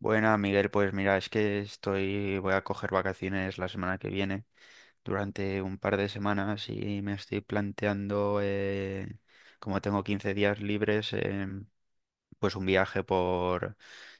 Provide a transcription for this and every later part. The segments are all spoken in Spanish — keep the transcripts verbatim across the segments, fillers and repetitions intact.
Buena, Miguel, pues mira, es que estoy, voy a coger vacaciones la semana que viene, durante un par de semanas y me estoy planteando, eh, como tengo quince días libres, em, pues un viaje por,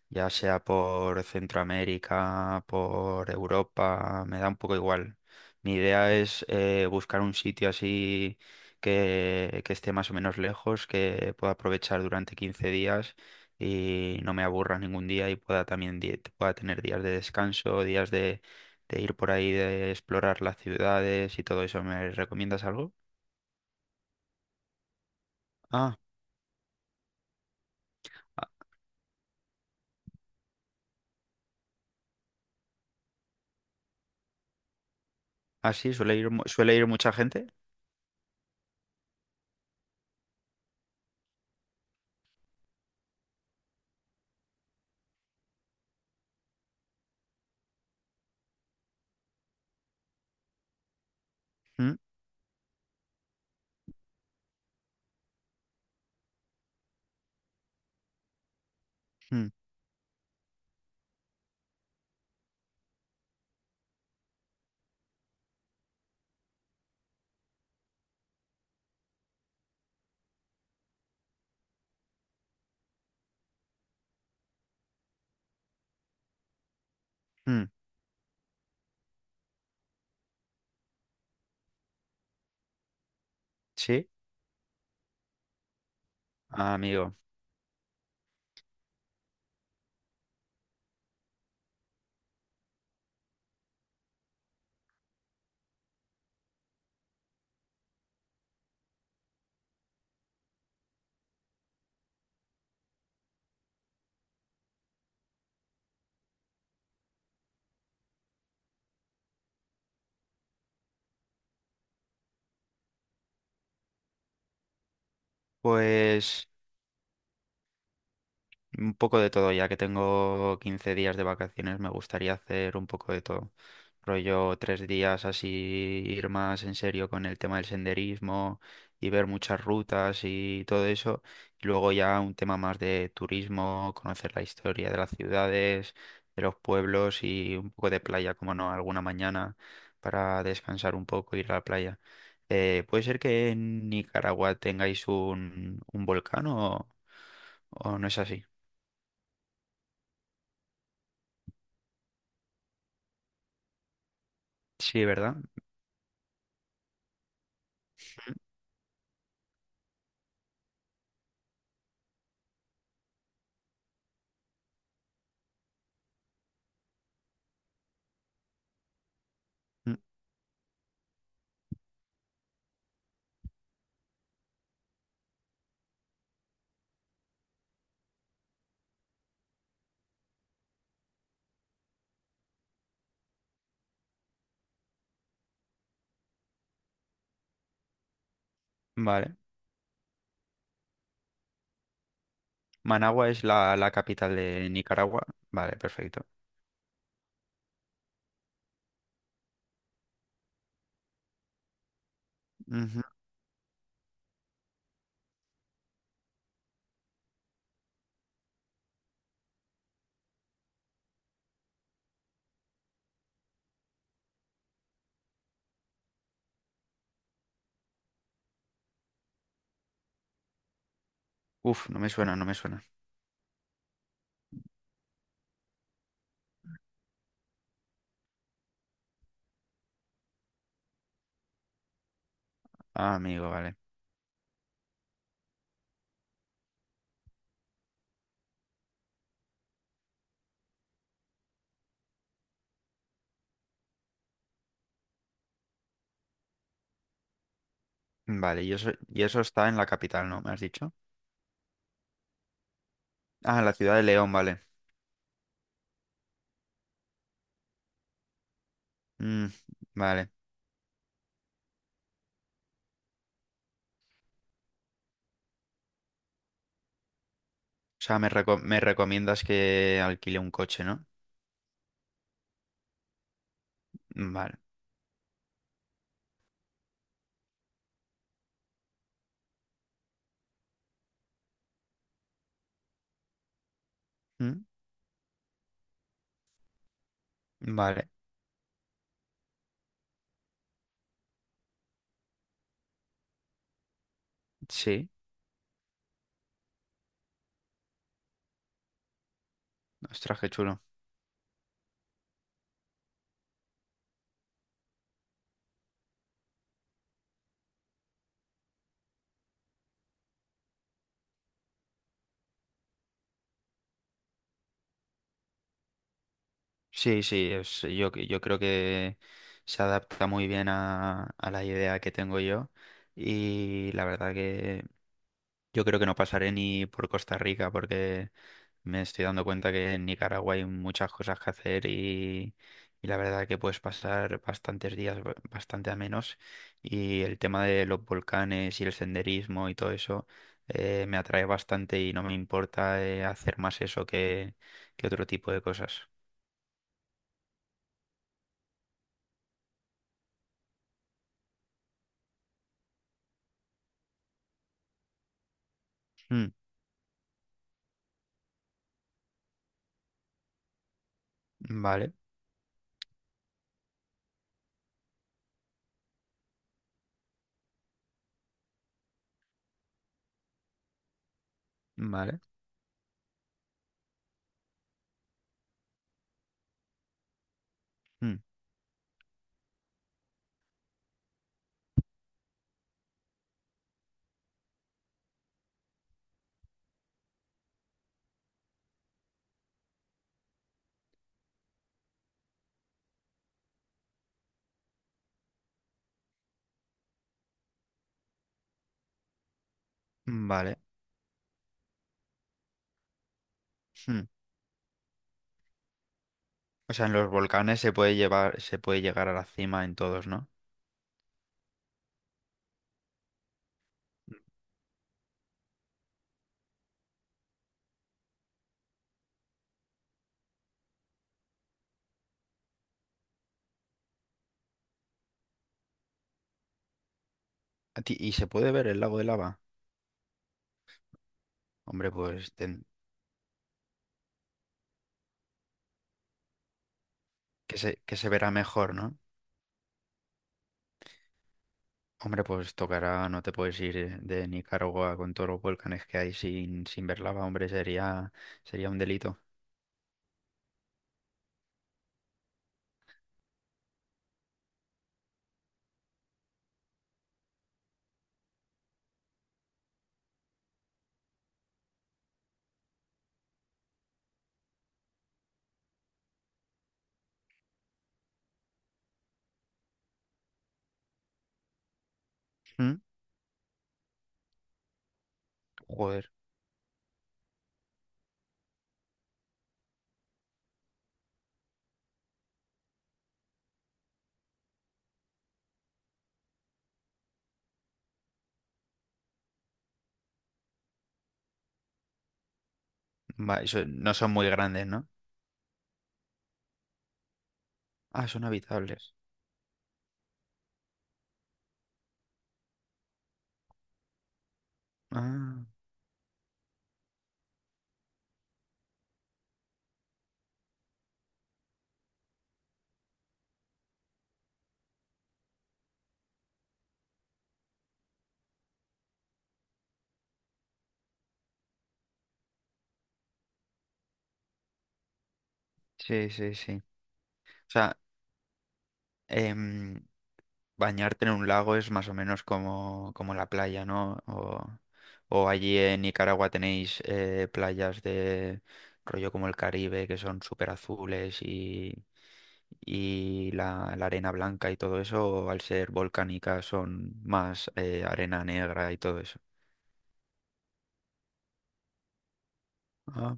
ya sea por Centroamérica, por Europa, me da un poco igual. Mi idea es eh, buscar un sitio así que, que esté más o menos lejos, que pueda aprovechar durante quince días y no me aburra ningún día y pueda también di- pueda tener días de descanso, días de, de ir por ahí, de explorar las ciudades y todo eso. ¿Me recomiendas algo? Ah, así suele ir, mu- suele ir mucha gente. Mm, mm, mm. Sí. Ah, amigo, pues... Un poco de todo, ya que tengo quince días de vacaciones, me gustaría hacer un poco de todo. Rollo tres días así, ir más en serio con el tema del senderismo y ver muchas rutas y todo eso. Y luego ya un tema más de turismo, conocer la historia de las ciudades, de los pueblos y un poco de playa, como no, alguna mañana para descansar un poco, ir a la playa. Eh, ¿puede ser que en Nicaragua tengáis un, un volcán o o no es así? Sí, ¿verdad? Mm. Vale. Managua es la, la capital de Nicaragua. Vale, perfecto. Ujú. Uf, no me suena, no me suena. Ah, amigo, vale. Vale, y eso, y eso está en la capital, ¿no? ¿Me has dicho? Ah, en la ciudad de León, vale. Mm, vale. O sea, me, reco- me recomiendas que alquile un coche, ¿no? Vale. Mm, vale. Sí. Ostras, qué chulo. Sí, sí, es- yo, yo creo que se adapta muy bien a, a la idea que tengo yo. Y la verdad que yo creo que no pasaré ni por Costa Rica porque me estoy dando cuenta que en Nicaragua hay muchas cosas que hacer y, y la verdad que puedes pasar bastantes días ba- bastante a menos y el tema de los volcanes y el senderismo y todo eso eh, me atrae bastante y no me importa eh, hacer más eso que, que otro tipo de cosas. Mm, vale, vale, mm, vale. Mm. O sea, en los volcanes se puede llevar, se puede llegar a la cima en todos, ¿no? A ti- ¿Y se puede ver el lago de lava? Hombre, pues ten- Que se, que se verá mejor, ¿no? Hombre, pues tocará, no te puedes ir eh, de Nicaragua con todos los volcanes que hay sin, sin ver lava, hombre, sería, sería un delito. ¿Mm? Joder, Va, eso- ¿No son muy grandes, ¿no? Ah, son habitables. Ah, sí, sí, sí. O sea, em, bañarte en un lago es más o menos como, como la playa, ¿no? O, o allí en Nicaragua tenéis eh, playas de rollo como el Caribe, que son súper azules y, y la, la arena blanca y todo eso, o al ser volcánica son más eh, arena negra y todo eso. Ah,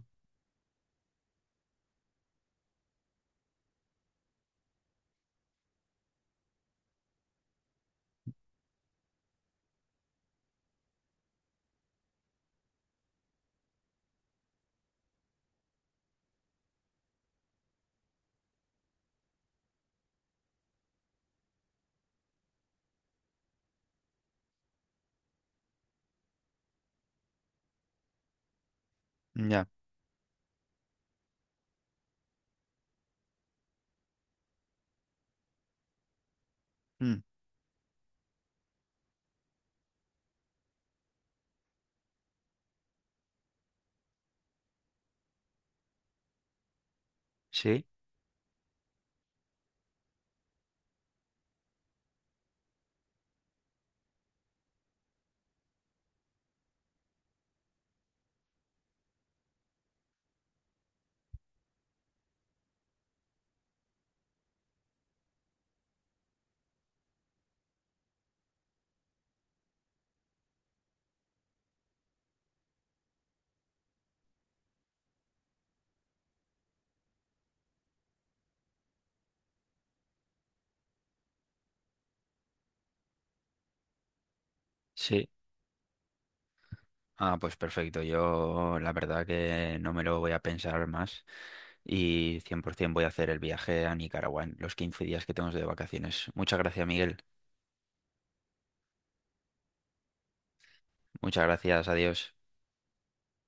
ya. Mm, sí, sí. Ah, pues perfecto. Yo la verdad que no me lo voy a pensar más y cien por ciento voy a hacer el viaje a Nicaragua en los quince días que tengo de vacaciones. Muchas gracias, Miguel. Muchas gracias. Adiós.